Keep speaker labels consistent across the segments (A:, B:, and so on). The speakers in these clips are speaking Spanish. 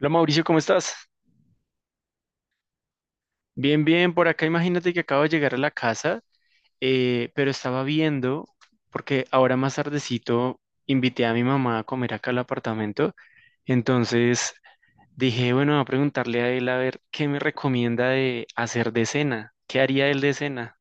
A: Hola Mauricio, ¿cómo estás? Bien, bien, por acá imagínate que acabo de llegar a la casa, pero estaba viendo, porque ahora más tardecito invité a mi mamá a comer acá al apartamento, entonces dije, bueno, voy a preguntarle a él a ver qué me recomienda de hacer de cena, qué haría él de cena.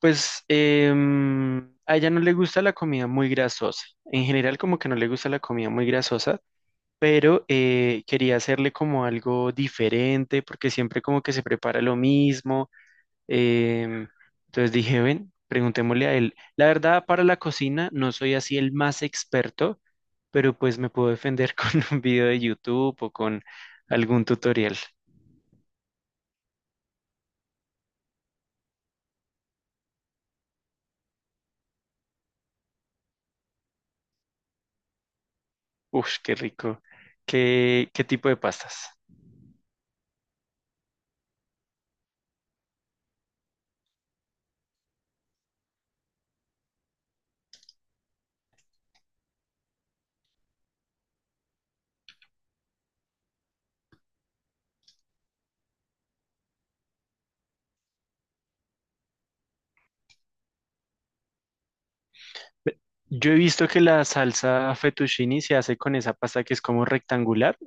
A: Pues a ella no le gusta la comida muy grasosa, en general como que no le gusta la comida muy grasosa, pero quería hacerle como algo diferente, porque siempre como que se prepara lo mismo. em, entonces dije, ven, preguntémosle a él. La verdad, para la cocina no soy así el más experto, pero pues me puedo defender con un video de YouTube o con algún tutorial. Uf, qué rico. Qué tipo de pastas? Yo he visto que la salsa fettuccine se hace con esa pasta que es como rectangular.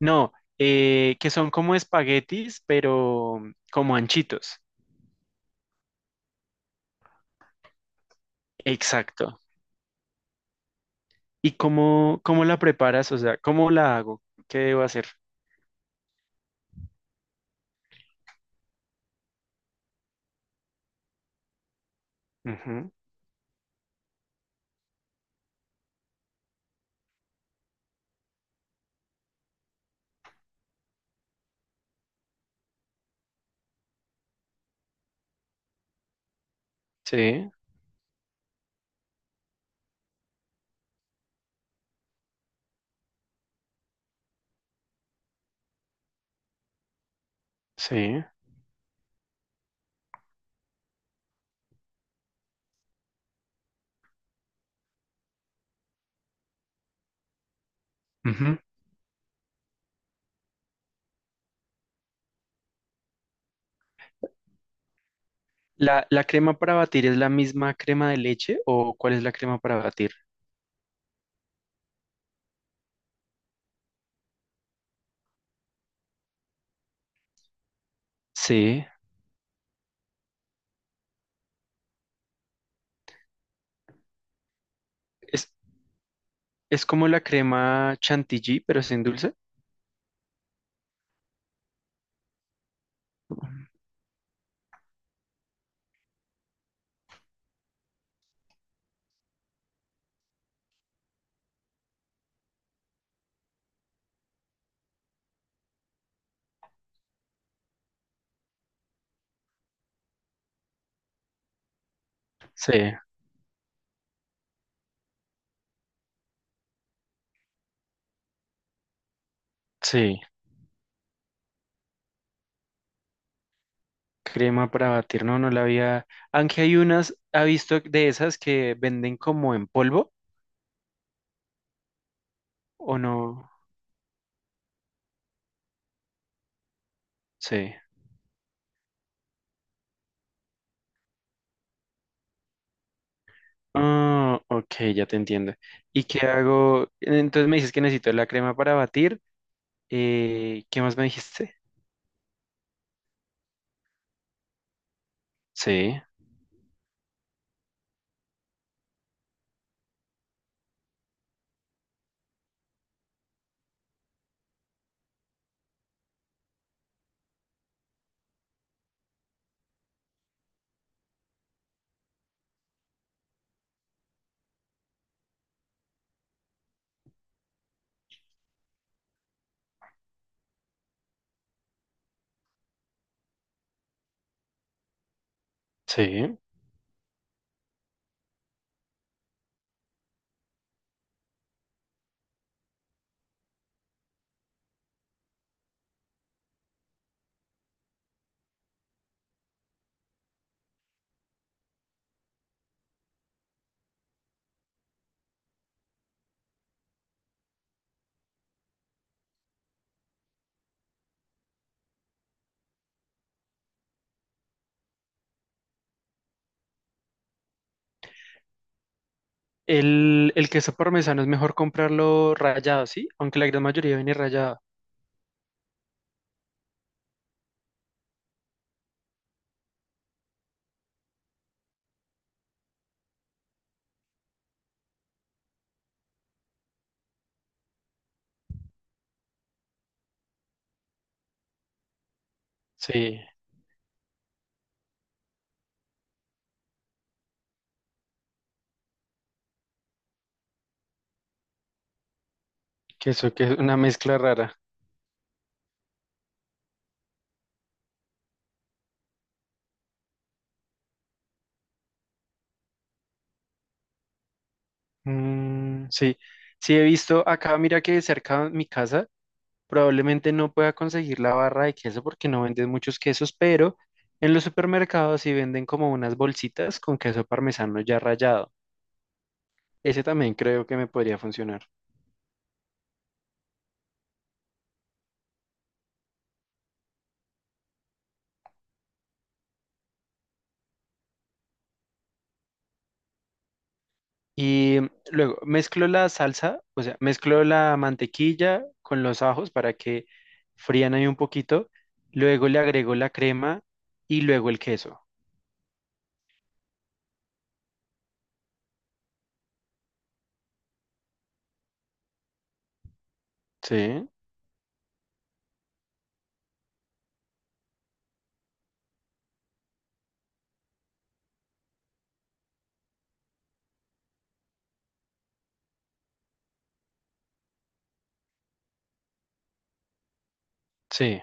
A: No, que son como espaguetis, pero como anchitos. Exacto. ¿Y cómo la preparas? O sea, ¿cómo la hago? ¿Qué debo hacer? Ujú. Sí, sí. Ujú. La crema para batir es la misma crema de leche o cuál es la crema para batir? Sí. Es, es como la crema chantilly, pero sin dulce. Sí, sí. Crema para batir, no, no la había. Aunque hay unas, ¿ha visto de esas que venden como en polvo o no? Sí. Ah, ok, ya te entiendo. ¿Y qué hago? Entonces me dices que necesito la crema para batir. ¿Qué más me dijiste? Sí, sí. ¿El, el queso parmesano es mejor comprarlo rallado, sí? Aunque la gran mayoría viene rallado. Sí, queso que es una mezcla rara. Mm, sí, sí he visto acá, mira que cerca de mi casa probablemente no pueda conseguir la barra de queso porque no venden muchos quesos, pero en los supermercados sí venden como unas bolsitas con queso parmesano ya rallado. Ese también creo que me podría funcionar. Y luego mezclo la salsa, o sea, mezclo la mantequilla con los ajos para que frían ahí un poquito. Luego le agrego la crema y luego el queso. Sí, sí,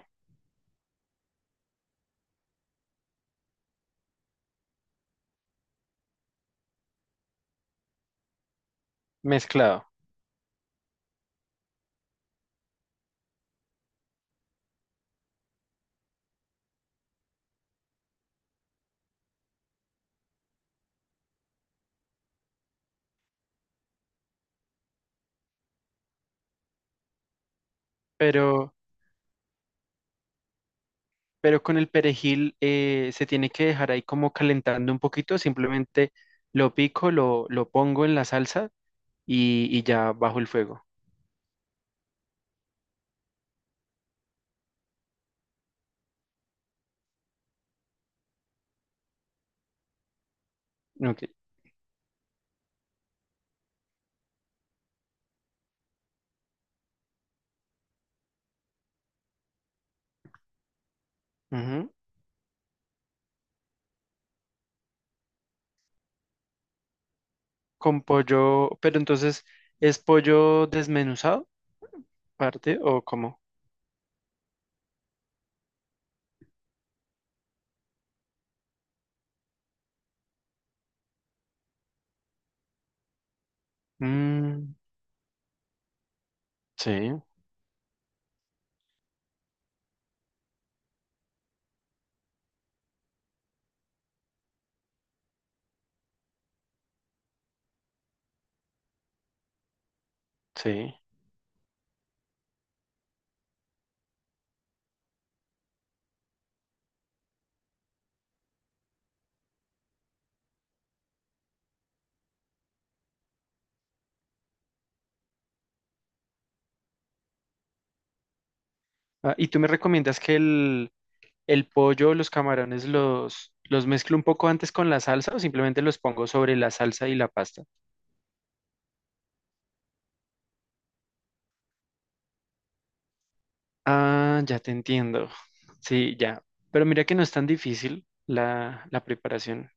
A: mezclado. Pero pero con el perejil se tiene que dejar ahí como calentando un poquito, simplemente lo pico, lo pongo en la salsa y ya bajo el fuego. Ok. Ujú. Con pollo, pero entonces, ¿es pollo desmenuzado, parte o cómo? Mm, sí, sí. Ah, ¿y tú me recomiendas que el pollo, los camarones, los mezclo un poco antes con la salsa o simplemente los pongo sobre la salsa y la pasta? Ah, ya te entiendo. Sí, ya. Pero mira que no es tan difícil la preparación.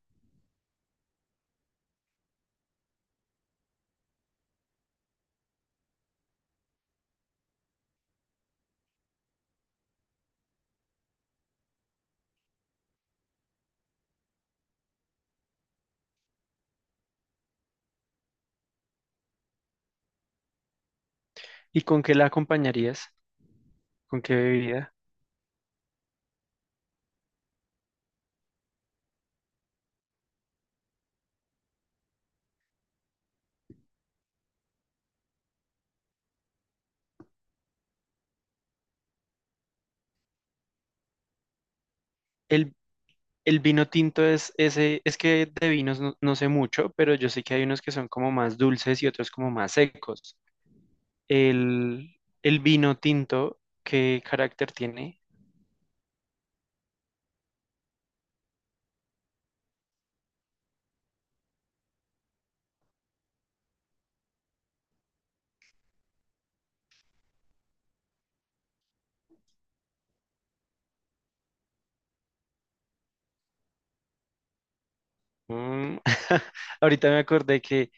A: ¿Y con qué la acompañarías? ¿Con qué bebida? ¿El, el vino tinto es ese? Es que de vinos no, no sé mucho, pero yo sé que hay unos que son como más dulces y otros como más secos. El vino tinto, ¿qué carácter tiene? Mm. Ahorita me acordé que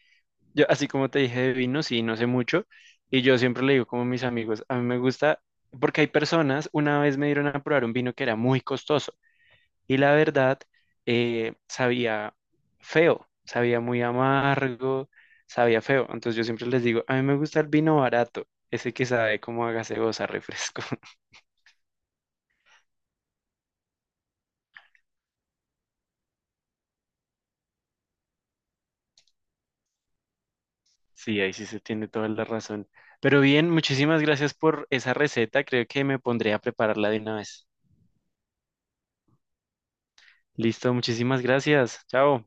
A: yo, así como te dije de vino, sí, no sé mucho, y yo siempre le digo como a mis amigos, a mí me gusta, porque hay personas, una vez me dieron a probar un vino que era muy costoso, y la verdad, sabía feo, sabía muy amargo, sabía feo, entonces yo siempre les digo, a mí me gusta el vino barato, ese que sabe como a gaseosa, refresco. Sí, ahí sí se tiene toda la razón. Pero bien, muchísimas gracias por esa receta, creo que me pondré a prepararla de una vez. Listo, muchísimas gracias. Chao.